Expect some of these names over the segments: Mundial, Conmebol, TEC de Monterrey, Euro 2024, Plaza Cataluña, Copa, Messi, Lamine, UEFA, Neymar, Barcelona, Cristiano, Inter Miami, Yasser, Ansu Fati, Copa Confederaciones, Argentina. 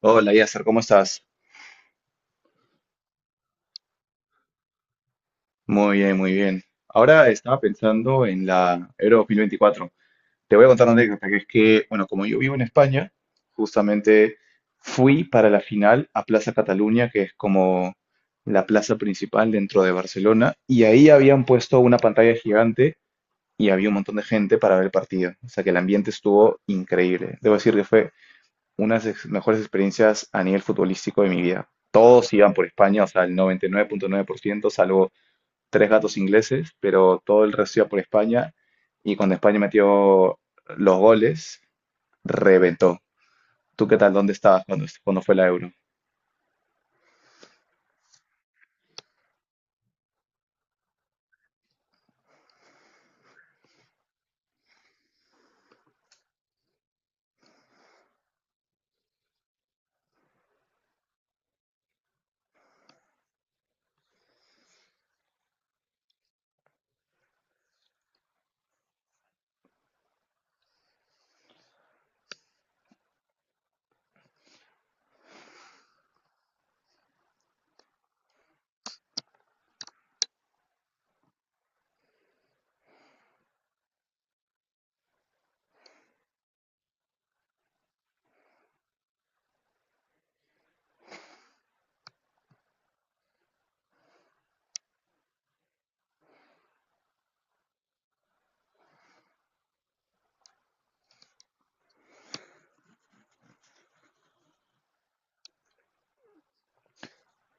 Hola, Yasser, ¿cómo estás? Muy bien, muy bien. Ahora estaba pensando en la Euro 2024. Te voy a contar una anécdota, que es que, bueno, como yo vivo en España, justamente fui para la final a Plaza Cataluña, que es como la plaza principal dentro de Barcelona, y ahí habían puesto una pantalla gigante y había un montón de gente para ver el partido. O sea que el ambiente estuvo increíble. Debo decir que fue unas de mejores experiencias a nivel futbolístico de mi vida. Todos iban por España, o sea, el 99.9%, salvo tres gatos ingleses, pero todo el resto iba por España. Y cuando España metió los goles, reventó. ¿Tú qué tal? ¿Dónde estabas cuando fue la Euro?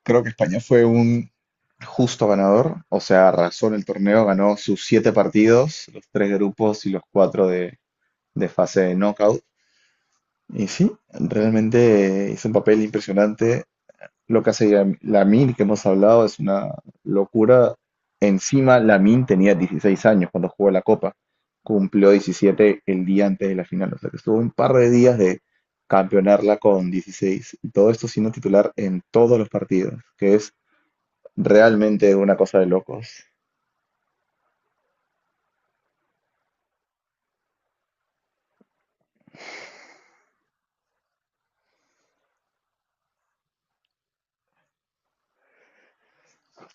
Creo que España fue un justo ganador, o sea, arrasó en el torneo, ganó sus siete partidos, los tres de grupos y los cuatro de fase de knockout. Y sí, realmente hizo un papel impresionante. Lo que hace Lamine, que hemos hablado, es una locura. Encima, Lamine tenía 16 años cuando jugó la Copa. Cumplió 17 el día antes de la final. O sea que estuvo un par de días de campeonarla con 16. Y todo esto siendo titular en todos los partidos, que es realmente una cosa de locos.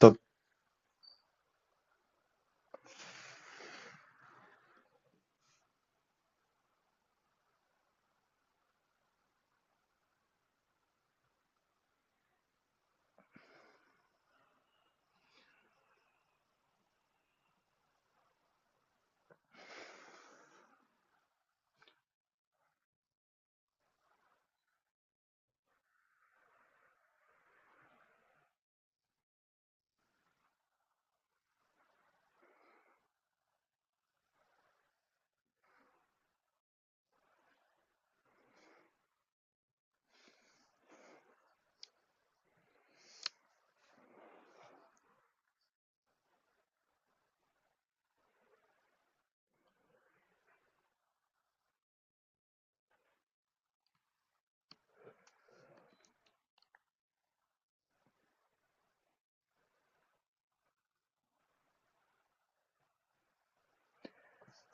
To-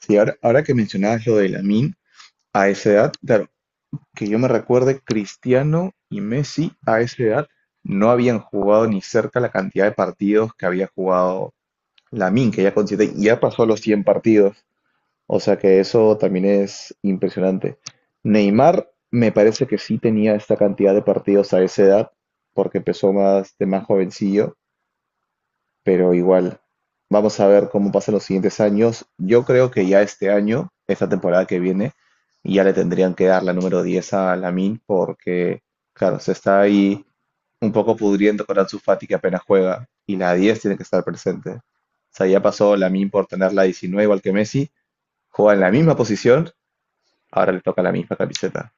Sí, ahora, ahora que mencionabas lo de Lamine, a esa edad, claro, que yo me recuerde, Cristiano y Messi a esa edad no habían jugado ni cerca la cantidad de partidos que había jugado Lamin, que ya con ya pasó los 100 partidos. O sea que eso también es impresionante. Neymar me parece que sí tenía esta cantidad de partidos a esa edad, porque empezó más de más jovencillo, pero igual, vamos a ver cómo pasan los siguientes años. Yo creo que ya este año, esta temporada que viene, ya le tendrían que dar la número 10 a Lamin porque, claro, se está ahí un poco pudriendo con Ansu Fati que apenas juega y la 10 tiene que estar presente. O sea, ya pasó Lamin por tener la 19 igual que Messi, juega en la misma posición, ahora le toca la misma camiseta.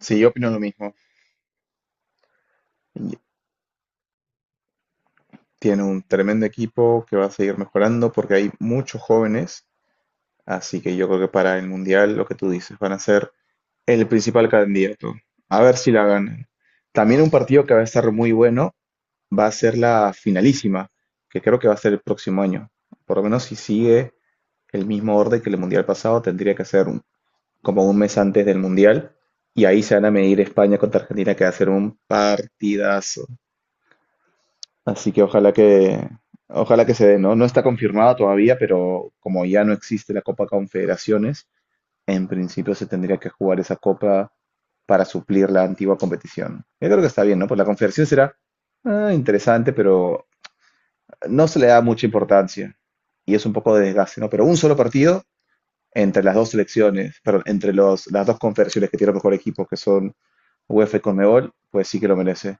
Sí, yo opino lo mismo. Tiene un tremendo equipo que va a seguir mejorando porque hay muchos jóvenes. Así que yo creo que para el Mundial, lo que tú dices, van a ser el principal candidato. A ver si la ganan. También un partido que va a estar muy bueno va a ser la finalísima, que creo que va a ser el próximo año. Por lo menos si sigue el mismo orden que el Mundial pasado, tendría que ser como un mes antes del Mundial. Y ahí se van a medir España contra Argentina, que va a ser un partidazo. Así que ojalá que se dé, ¿no? No está confirmada todavía, pero como ya no existe la Copa Confederaciones, en principio se tendría que jugar esa copa para suplir la antigua competición. Yo creo que está bien, ¿no? Pues la confederación será interesante, pero no se le da mucha importancia y es un poco de desgaste, ¿no? Pero un solo partido entre las dos selecciones, pero entre las dos confederaciones que tienen los mejores equipos, que son UEFA y Conmebol, pues sí que lo merece.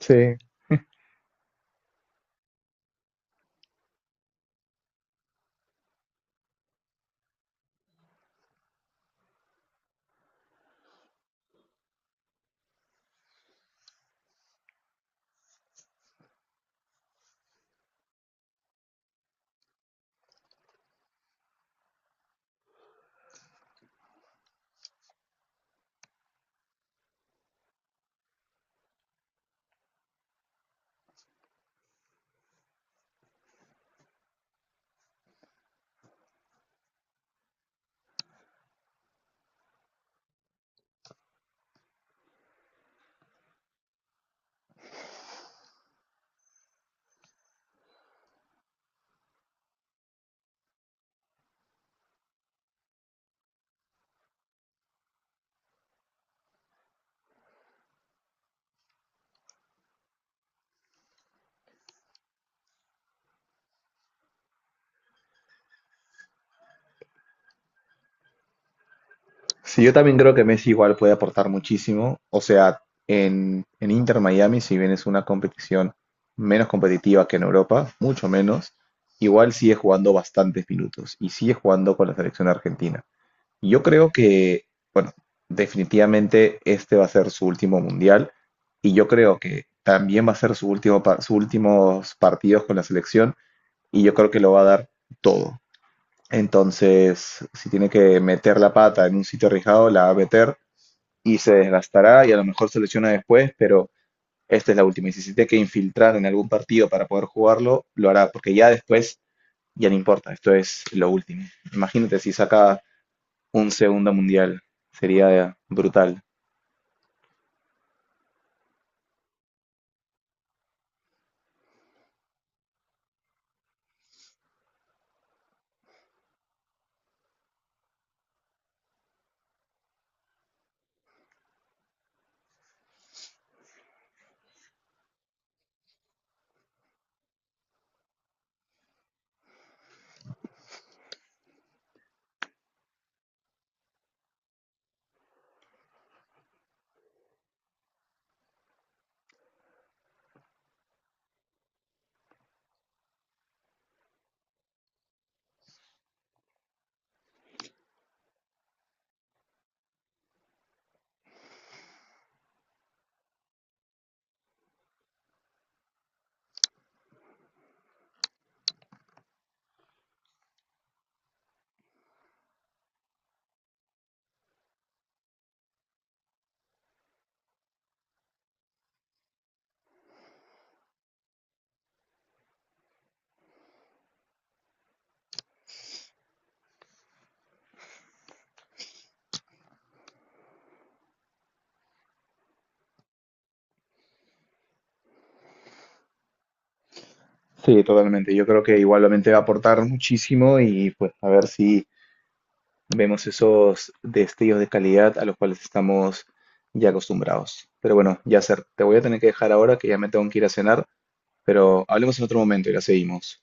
Sí, sí, yo también creo que Messi igual puede aportar muchísimo. O sea, en Inter Miami, si bien es una competición menos competitiva que en Europa, mucho menos, igual sigue jugando bastantes minutos y sigue jugando con la selección argentina. Y yo creo que, bueno, definitivamente este va a ser su último mundial y yo creo que también va a ser su último, sus últimos partidos con la selección y yo creo que lo va a dar todo. Entonces, si tiene que meter la pata en un sitio arriesgado, la va a meter y se desgastará y a lo mejor se lesiona después, pero esta es la última. Y si se tiene que infiltrar en algún partido para poder jugarlo, lo hará, porque ya después ya no importa, esto es lo último. Imagínate si saca un segundo mundial, sería brutal. Sí, totalmente. Yo creo que igualmente va a aportar muchísimo y pues a ver si vemos esos destellos de calidad a los cuales estamos ya acostumbrados. Pero bueno, Yasser, te voy a tener que dejar ahora que ya me tengo que ir a cenar, pero hablemos en otro momento y la seguimos.